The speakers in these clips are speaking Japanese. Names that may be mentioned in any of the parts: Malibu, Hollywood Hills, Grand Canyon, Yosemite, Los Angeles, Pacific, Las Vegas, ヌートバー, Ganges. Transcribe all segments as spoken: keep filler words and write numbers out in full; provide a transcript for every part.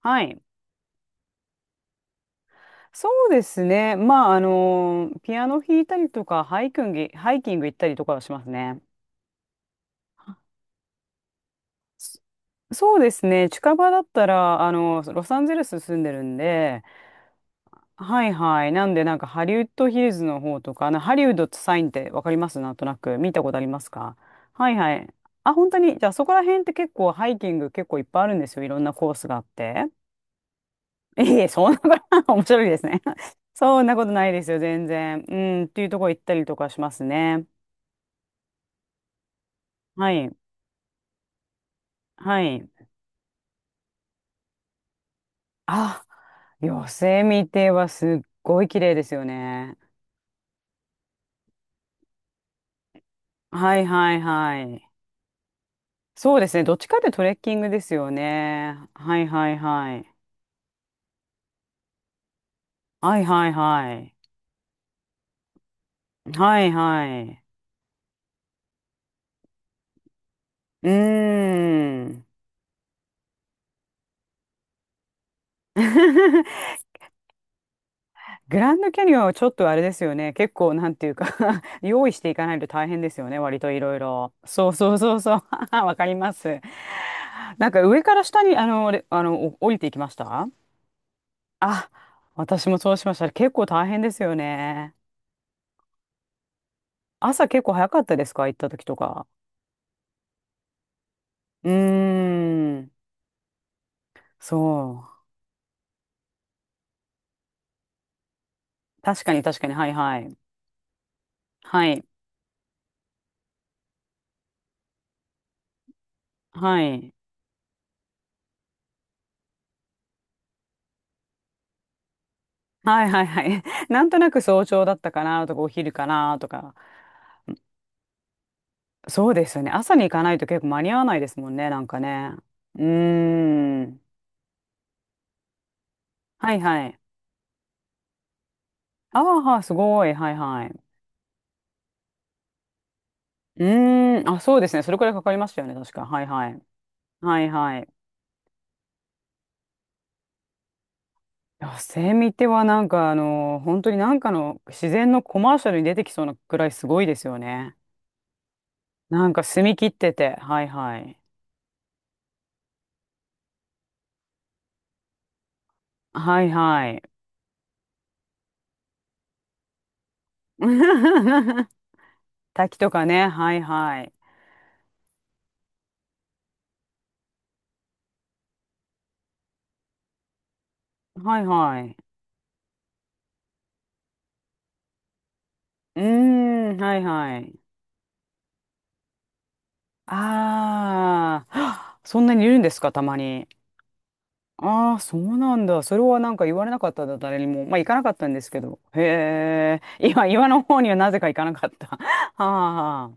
はい。そうですね。まあ、あの、ピアノ弾いたりとか、ハイキング、ハイキング行ったりとかはしますね。そそうですね。近場だったら、あの、ロサンゼルス住んでるんで、はいはい。なんで、なんかハリウッドヒルズの方とか、なハリウッドってサインってわかります？なんとなく見たことありますか？はいはい。あ、本当に。じゃあ、そこら辺って結構ハイキング結構いっぱいあるんですよ。いろんなコースがあって。いえいえ、そんなこと 面白いですね。そんなことないですよ、全然。うん、っていうとこ行ったりとかしますね。はい。はい。あ、ヨセミテはすっごい綺麗ですよね。はいはいはい。そうですね。どっちかってトレッキングですよね。はいはいはい。はいはいはい。はいはい。うーん。グランドキャニオンはちょっとあれですよね。結構なんていうか、 用意していかないと大変ですよね。割といろいろ。そうそうそうそう。わかります。なんか上から下にあの、れあの、お降りていきました？あ、私もそうしました。結構大変ですよね。朝結構早かったですか、行った時とか。うーん。そう。確かに確かに。はいはい。はい。はい。はいはいはい。なんとなく早朝だったかなとか、お昼かなとか。そうですよね。朝に行かないと結構間に合わないですもんね、なんかね。うーん。はいはい。ああ、はすごい。はいはい。うーん。あ、そうですね。それくらいかかりましたよね、確か。はいはい。はいはい。いや、セミってはなんかあの、本当になんかの自然のコマーシャルに出てきそうなくらいすごいですよね。なんか澄み切ってて。はいはい。はいはい。滝とかね。はいはい。はいはい。うーん。はいはい。ああ、そんなにいるんですか、たまに。ああ、そうなんだ。それはなんか言われなかったんだ、誰にも。まあ、行かなかったんですけど。へえ、今、岩の方にはなぜか行かなかった。はあ、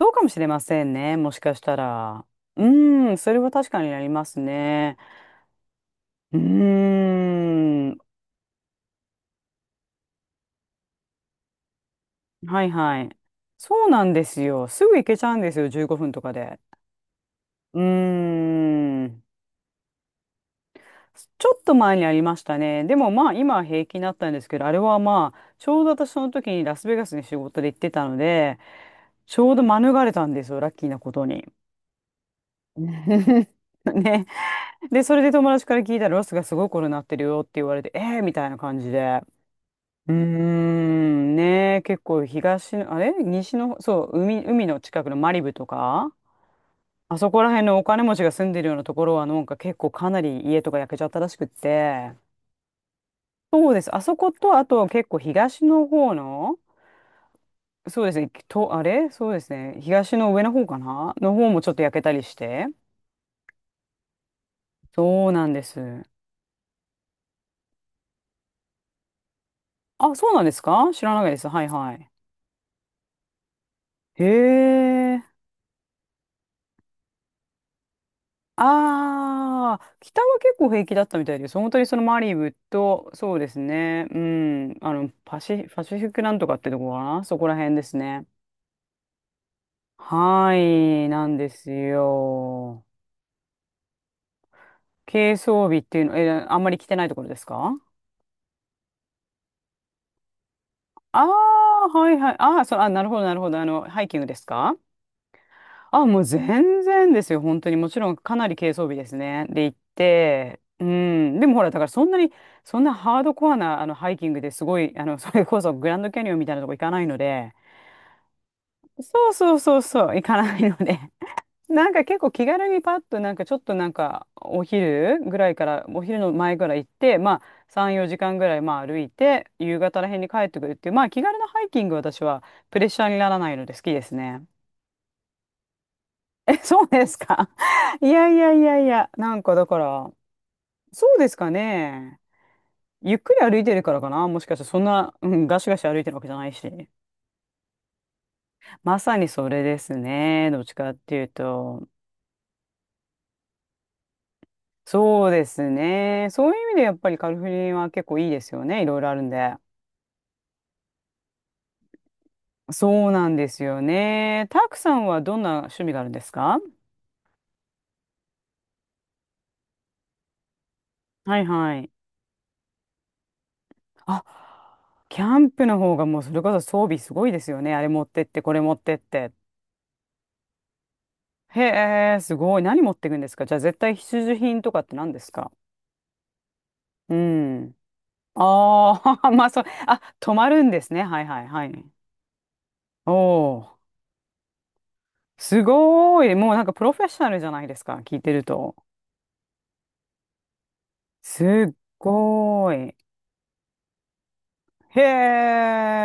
そうかもしれませんね、もしかしたら。うーん、それは確かになりますね。うーん、はいはい。そうなんですよ。すぐ行けちゃうんですよ、じゅうごふんとかで。うーん。ちょっと前にありましたね。でもまあ今は平気になったんですけど、あれはまあ、ちょうど私その時にラスベガスに仕事で行ってたので、ちょうど免れたんですよ、ラッキーなことに。ね。で、それで友達から聞いたら、ロスがすごいことになってるよって言われて、えーみたいな感じで。うーん、ねえ、結構東の、あれ西の、そう、海、海の近くのマリブとか、あそこら辺のお金持ちが住んでるようなところは、なんか結構かなり家とか焼けちゃったらしくって、そうです。あそこと、あと結構東の方の、そうですね、と、あれそうですね、東の上の方かなの方もちょっと焼けたりして。そうなんです。あ、そうなんですか、知らないです。はいはい。へえ。ああ、北は結構平気だったみたいです。本当にそのマリブと、そうですね、うん、あの、パシ、パシフィックなんとかってとこかな、そこら辺ですね。はい、なんですよ。軽装備っていうの、え、あんまり着てないところですか？ああ、はいはい。ああ、そう、あ、なるほど、なるほど。あの、ハイキングですか？あ、もう全然ですよ。本当に。もちろん、かなり軽装備ですね。で、行って、うん。でもほら、だからそんなに、そんなハードコアな、あの、ハイキングですごい、あの、それこそグランドキャニオンみたいなとこ行かないので、そうそうそうそう、行かないので、なんか結構気軽にパッとなんかちょっとなんかお昼ぐらいからお昼の前ぐらい行って、まあさん、よじかんぐらいまあ歩いて夕方らへんに帰ってくるっていう、まあ気軽なハイキング、私はプレッシャーにならないので好きですね。え、そうですか？ いやいやいやいや、なんかだから、そうですかね。ゆっくり歩いてるからかな、もしかして、そんな、うん、ガシガシ歩いてるわけじゃないし。まさにそれですね。どっちかっていうと。そうですね。そういう意味でやっぱりカリフォルニアは結構いいですよね。いろいろあるんで。そうなんですよね。たくさんはどんな趣味があるんですか？はいはい。あ、キャンプの方がもうそれこそ装備すごいですよね。あれ持ってって、これ持ってって。へえ、すごい。何持っていくんですか？じゃあ絶対必需品とかって何ですか？うん。ああ、まあそう。あ、泊まるんですね。はいはいはい。おお、すごい。もうなんかプロフェッショナルじゃないですか。聞いてると。すっごい。へ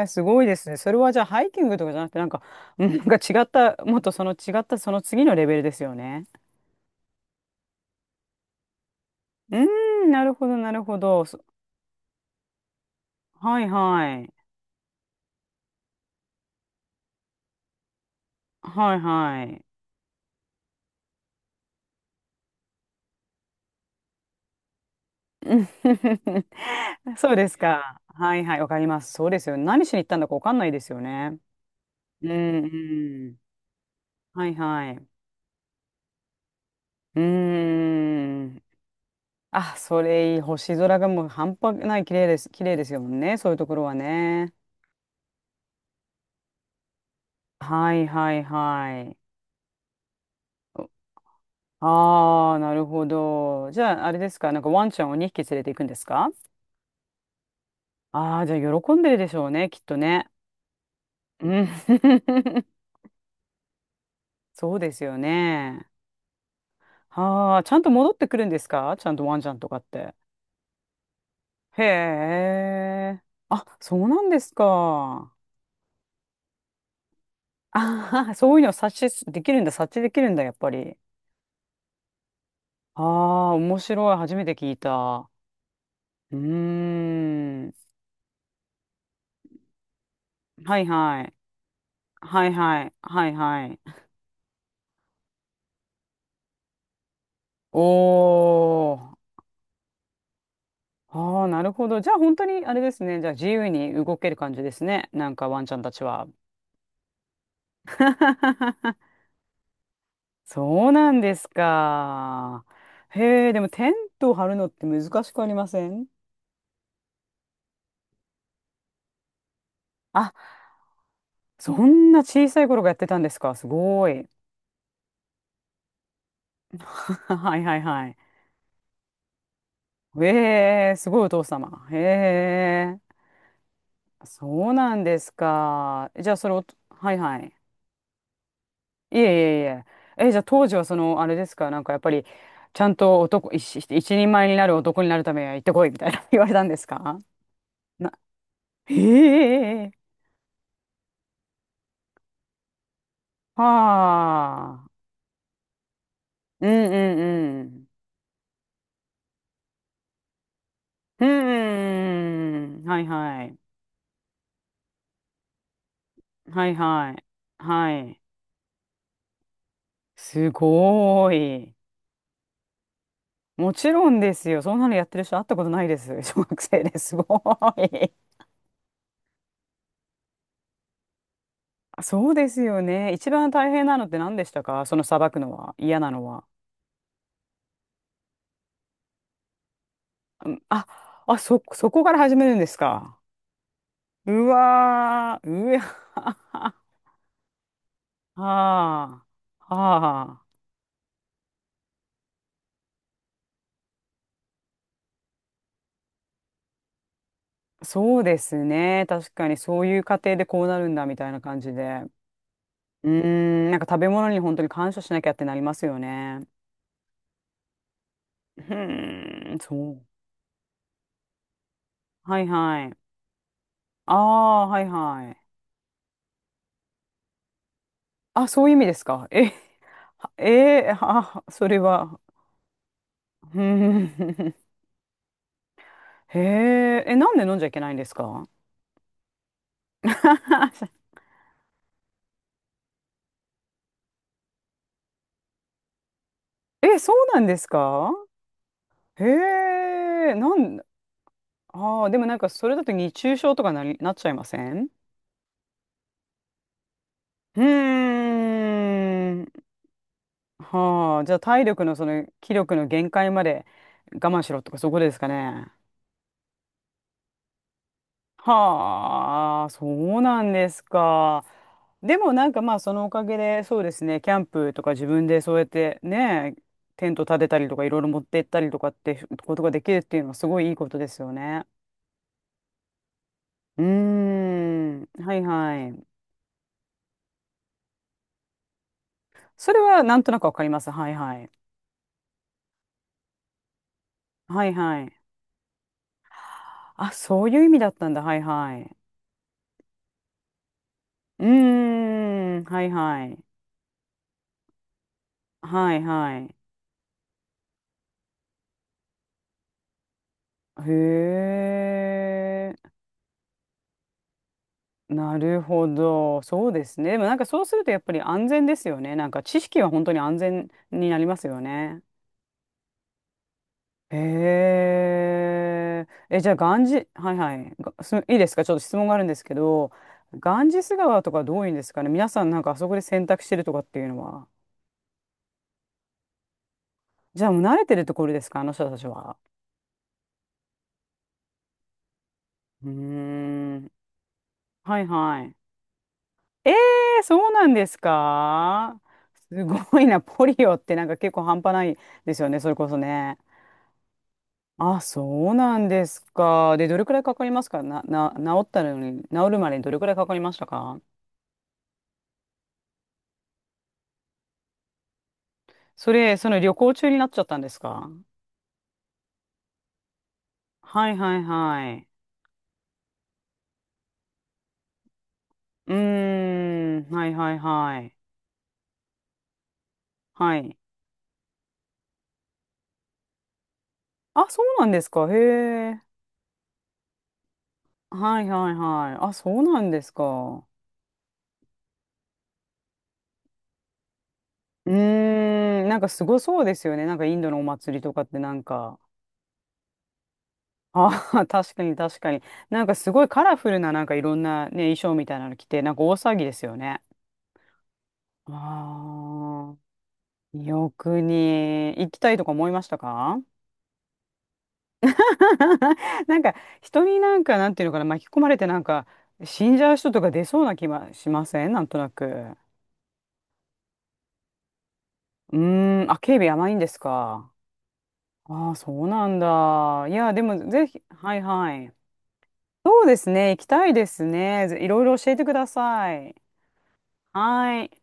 え、すごいですね。それはじゃあハイキングとかじゃなくて、なんか、うん、なんか違った、もっとその違ったその次のレベルですよね。うーん、なるほど、なるほど。そ、はいはい。はいはい。うん、 そうですか。はいはい、わかります。そうですよね。何しに行ったんだかわかんないですよね。うん、うん。はいはい。うーん。あ、それいい。星空がもう半端ない綺麗です。綺麗ですよね。そういうところはね。はいはいはい。ああー、なるほど。じゃあ、あれですか、なんかワンちゃんをにひき連れて行くんですか？ああー、じゃあ喜んでるでしょうね、きっとね。うん。そうですよね。はあ、ちゃんと戻ってくるんですか、ちゃんとワンちゃんとかって。へえ。あ、そうなんですか。ああ、そういうのを察知できるんだ、察知できるんだ、やっぱり。ああ、面白い。初めて聞いた。うーん。はいはい。はいはい。はいはい。おー。ああ、なるほど。じゃあ本当にあれですね。じゃあ自由に動ける感じですね。なんかワンちゃんたちは。そうなんですか。へえ、でもテントを張るのって難しくありません？あ、そんな小さい頃がやってたんですか。すごい。はいはいはい。ええ、すごいお父様。へえ、そうなんですか。じゃあそれを、はいはい。いえいえいえ。え、じゃあ当時はその、あれですか、なんかやっぱり、ちゃんと男、一、一人前になる男になるためには行ってこいみたいな 言われたんですか？ な、へえ、はあ、うんうんうん。うん、はいはい。はいはい。はい。すごーい。もちろんですよ。そんなのやってる人会ったことないです。小学生ですすごーい。あ、そうですよね。一番大変なのって何でしたか、そのさばくのは。嫌なのは。あ、あ、そ、そこから始めるんですか。うわー、うわー、はあ、はあ、そうですね。確かにそういう過程でこうなるんだみたいな感じで。うーん、なんか食べ物に本当に感謝しなきゃってなりますよね。うーん、そう。はいはい。ああ、はいはい。あ、そういう意味ですか。え、はえー、あ、それは。うーん。へえ、え、なんで飲んじゃいけないんですか？ え、そうなんですか？へえ、なん、ああ、でもなんかそれだと熱中症とかなり、なっちゃいません？うーん。はあ、じゃあ体力のその気力の限界まで我慢しろとかそういうことですかね。はあ、そうなんですか。でもなんかまあそのおかげでそうですね、キャンプとか自分でそうやってね、テント立てたりとかいろいろ持って行ったりとかってことができるっていうのはすごいいいことですよね。うーん。はいはい。それはなんとなくわかります。はいはい。はいはい。あ、そういう意味だったんだ。はいはい。うーん。はいはい。はいはい。へえ。なるほど。そうですね。でもなんかそうするとやっぱり安全ですよね。なんか知識は本当に安全になりますよね。へえ。え、じゃあ、ガンジ、はいはい。がすいいですか、ちょっと質問があるんですけど、ガンジス川とかどういうんですかね、皆さんなんかあそこで洗濯してるとかっていうのは。じゃあ、もう慣れてるところですか、あの人たちは。うーん。はいはい。えー、そうなんですか？すごいな。ポリオってなんか結構半端ないですよね。それこそね。あ、そうなんですか。で、どれくらいかかりますか、な、な、治ったのに、治るまでにどれくらいかかりましたか？それ、その旅行中になっちゃったんですか？はいはいはい。うーん、はいはいはい。はい。あ、そうなんですか。へえ。はいはいはい。あ、そうなんですか。うーん、なんかすごそうですよね。なんかインドのお祭りとかってなんか。ああ、確かに確かに。なんかすごいカラフルななんかいろんなね、衣装みたいなの着て、なんか大騒ぎですよね。ああ、よくに行きたいとか思いましたか？ なんか人になんかなんていうのかな、巻き込まれてなんか死んじゃう人とか出そうな気はしません、なんとなく。うーん、あ、警備甘いんですか。ああ、そうなんだ。いや、でもぜひ、はいはい。そうですね、行きたいですね。ぜいろいろ教えてください。はい。